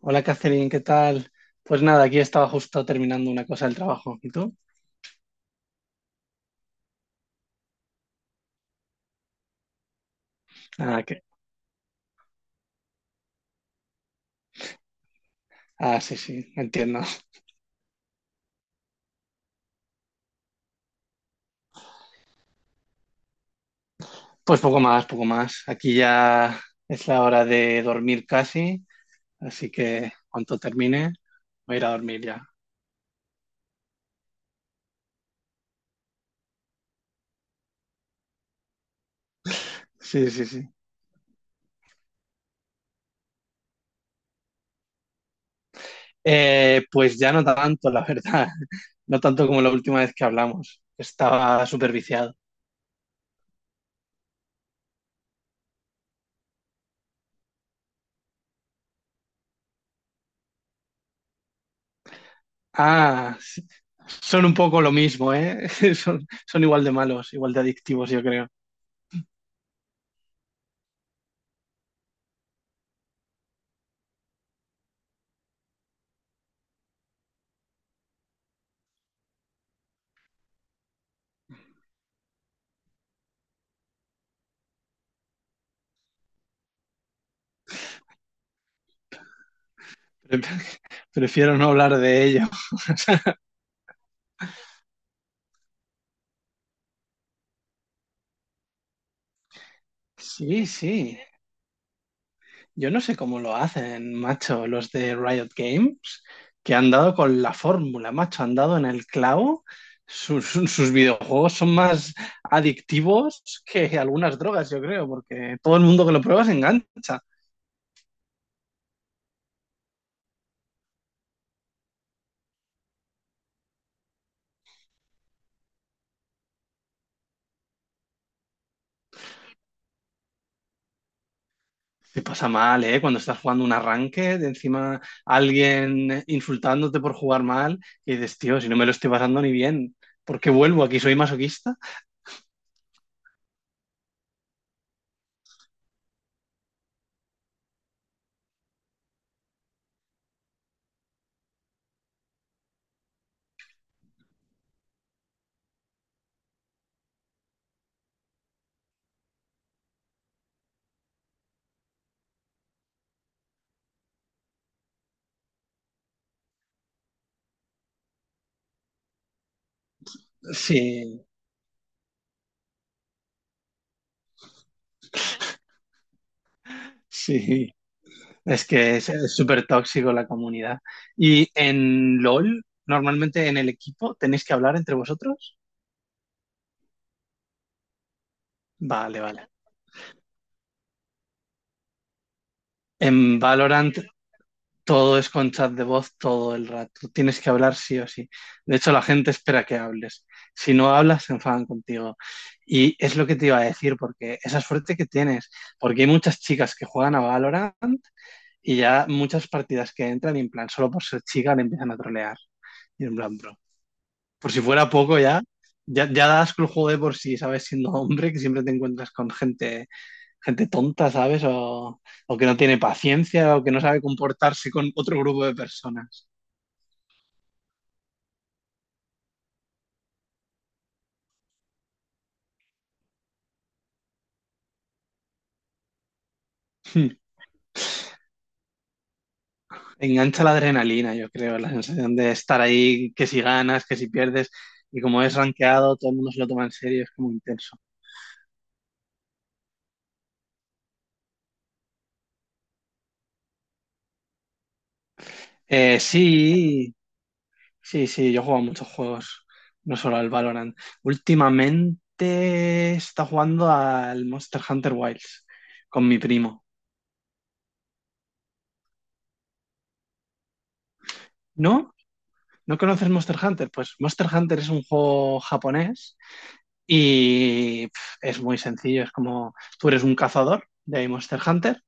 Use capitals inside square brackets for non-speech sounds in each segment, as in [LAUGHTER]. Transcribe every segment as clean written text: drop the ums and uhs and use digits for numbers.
Hola Catherine, ¿qué tal? Pues nada, aquí estaba justo terminando una cosa del trabajo. ¿Y tú? Ah, que... ah, sí, sí, entiendo. Pues poco más, poco más. Aquí ya es la hora de dormir casi, así que cuando termine voy a ir a dormir ya. Sí, sí, sí. Pues ya no tanto, la verdad. [LAUGHS] No tanto como la última vez que hablamos. Estaba súper viciado. Ah, sí. Son un poco lo mismo, ¿eh? [LAUGHS] Son igual de malos, igual de adictivos, yo creo. Pre- [LAUGHS] Prefiero no hablar de ello. Sí, sí. Yo no sé cómo lo hacen, macho, los de Riot Games, que han dado con la fórmula, macho, han dado en el clavo. Sus videojuegos son más adictivos que algunas drogas, yo creo, porque todo el mundo que lo prueba se engancha. Te pasa mal, ¿eh? Cuando estás jugando un arranque, de encima alguien insultándote por jugar mal, y dices, tío, si no me lo estoy pasando ni bien, ¿por qué vuelvo aquí? ¿Soy masoquista? Sí, sí, es que es súper tóxico la comunidad. ¿Y en LOL, normalmente en el equipo, tenéis que hablar entre vosotros? Vale, vale. En Valorant todo es con chat de voz todo el rato. Tienes que hablar sí o sí. De hecho, la gente espera que hables. Si no hablas, se enfadan contigo. Y es lo que te iba a decir, porque esa suerte que tienes, porque hay muchas chicas que juegan a Valorant y ya muchas partidas que entran y en plan, solo por ser chica le empiezan a trolear. Y en plan, bro. Por si fuera poco ya, ya, ya das con el juego de por sí, ¿sabes? Siendo hombre, que siempre te encuentras con gente, gente tonta, ¿sabes? O que no tiene paciencia o que no sabe comportarse con otro grupo de personas. Hmm. Engancha la adrenalina, yo creo, la sensación de estar ahí, que si ganas, que si pierdes, y como es rankeado, todo el mundo se lo toma en serio, es como intenso. Sí, sí, sí, yo juego a muchos juegos, no solo al Valorant. Últimamente está jugando al Monster Hunter Wilds con mi primo. ¿No? ¿No conoces Monster Hunter? Pues Monster Hunter es un juego japonés y pf, es muy sencillo. Es como tú eres un cazador de Monster Hunter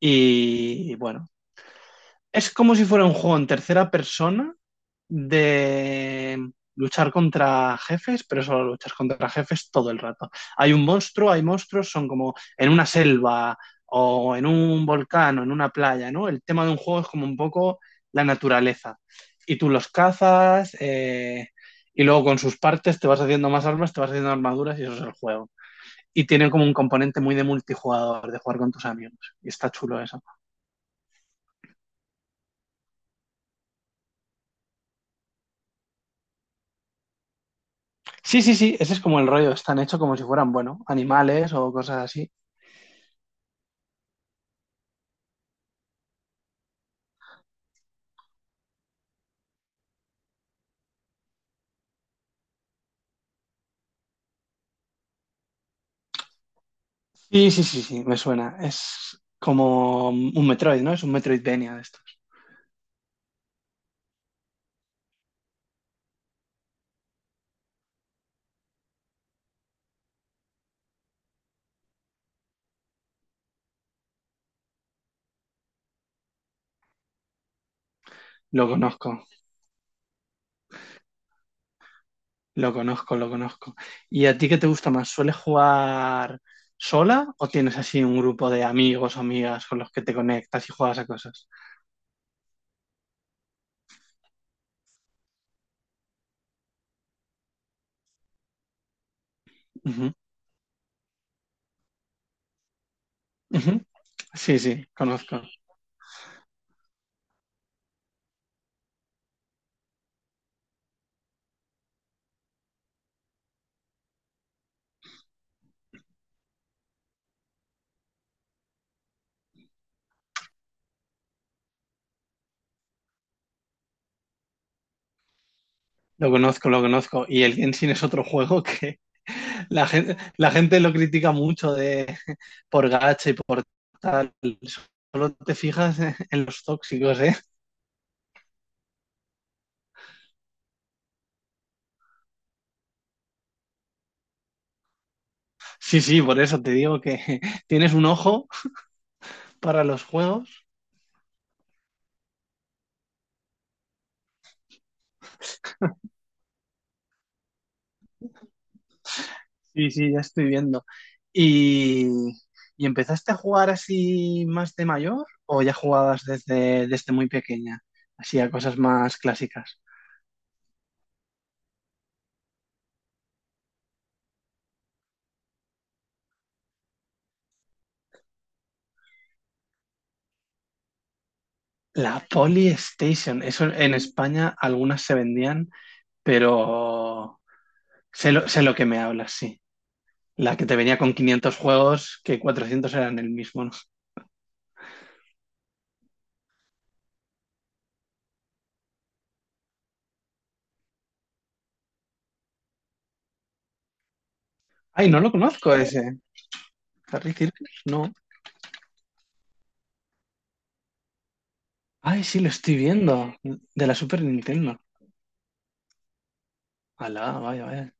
y bueno, es como si fuera un juego en tercera persona de luchar contra jefes, pero solo luchas contra jefes todo el rato. Hay un monstruo, hay monstruos, son como en una selva o en un volcán o en una playa, ¿no? El tema de un juego es como un poco la naturaleza. Y tú los cazas y luego con sus partes te vas haciendo más armas, te vas haciendo armaduras y eso es el juego. Y tiene como un componente muy de multijugador, de jugar con tus amigos. Y está chulo eso. Sí, sí, sí, ese es como el rollo. Están hechos como si fueran, bueno, animales o cosas así. Sí, sí, sí, sí, me suena. Es como un Metroid, ¿no? Es un Metroidvania de estos. Lo conozco, lo conozco. ¿Y a ti qué te gusta más? ¿Sueles jugar sola o tienes así un grupo de amigos o amigas con los que te conectas y juegas a cosas? Ujú, ujú. Sí, sí, conozco. Lo conozco, lo conozco. Y el Genshin es otro juego que [LAUGHS] la gente lo critica mucho de por gacha y por tal. Solo te fijas en los tóxicos, ¿eh? Sí, sí, por eso te digo que [LAUGHS] tienes un ojo para los juegos. Sí, sí, ya estoy viendo. ¿Y, y empezaste a jugar así más de mayor o ya jugabas desde, desde muy pequeña? Así a cosas más clásicas. La Polystation, eso en España algunas se vendían, pero sé lo que me hablas, sí. La que te venía con 500 juegos, que 400 eran el mismo, ¿no? Ay, no lo conozco ese. Harry Circus, no. Ay, sí, lo estoy viendo. De la Super Nintendo. Alá, vaya, vaya.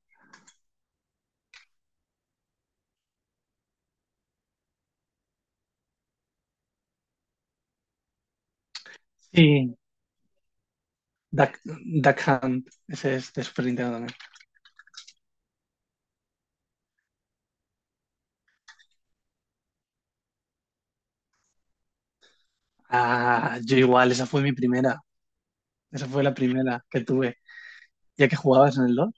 Sí, Duck, Duck Hunt. Ese es de Super Nintendo también. Ah, yo igual, esa fue mi primera. Esa fue la primera que tuve. Ya que jugabas en el DOS.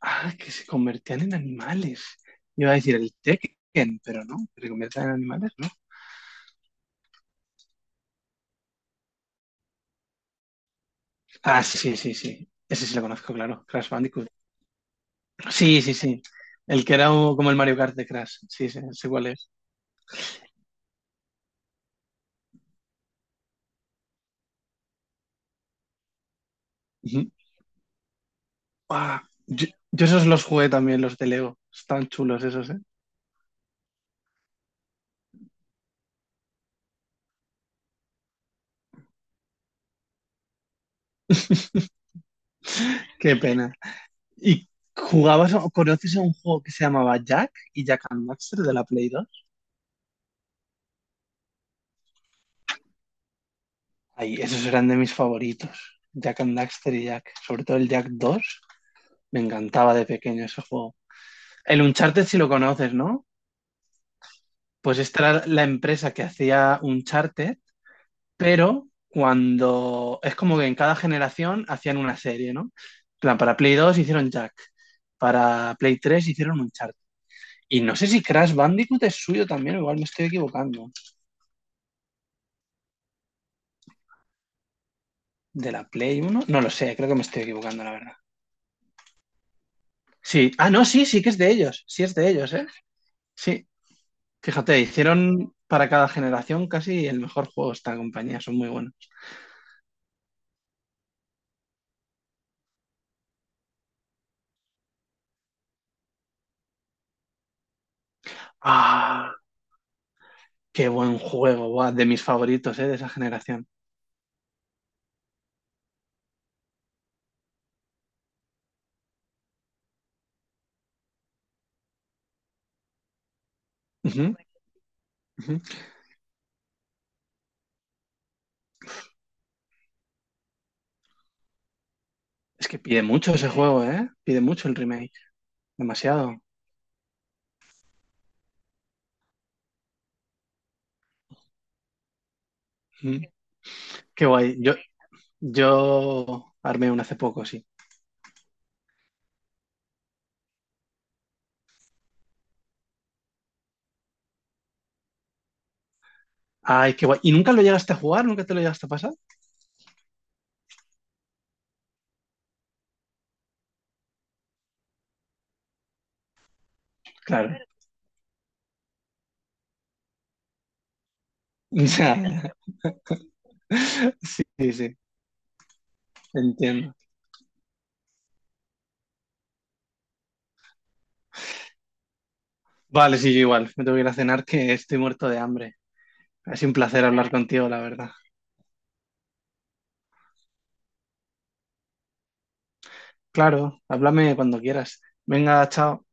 Ah, que se convertían en animales. Iba a decir el Tekken, pero no. Que se convertían en animales, ¿no? Ah, sí, sí, sí. Ese sí lo conozco, claro. Crash Bandicoot. Sí, sí, sí. El que era como el Mario Kart de Crash. Sí, sí, sé cuál es. Ah, yo esos los jugué también, los de Lego. Están chulos esos, ¿eh? Qué pena. ¿Y jugabas o conoces a un juego que se llamaba Jack y Jack and Daxter de la Play 2? Ay, esos eran de mis favoritos. Jack and Daxter y Jack. Sobre todo el Jack 2. Me encantaba de pequeño ese juego. El Uncharted si lo conoces, ¿no? Pues esta era la empresa que hacía Uncharted, pero cuando es como que en cada generación hacían una serie, ¿no? En plan, para Play dos hicieron Jack, para Play 3 hicieron Uncharted. Y no sé si Crash Bandicoot es suyo también, igual me estoy equivocando. ¿De la Play uno? No lo sé, creo que me estoy equivocando, la verdad. Sí, ah, no, sí, sí que es de ellos, sí es de ellos, ¿eh? Sí, fíjate, hicieron para cada generación casi el mejor juego esta compañía, son muy buenos. Ah, qué buen juego, guau, de mis favoritos, ¿eh? De esa generación. Ujú, ujú. Es que pide mucho ese juego, ¿eh? Pide mucho el remake. Demasiado. Mm. Qué guay. Yo armé uno hace poco, sí. Ay, qué guay. ¿Y nunca lo llegaste a jugar? ¿Nunca te lo llegaste a pasar? Claro. [LAUGHS] Ya, sí, sí, sí. Entiendo. Vale, sí, yo igual. Me tengo que ir a cenar que estoy muerto de hambre. Ha sido un placer hablar contigo, la verdad. Claro, háblame cuando quieras. Venga, chao.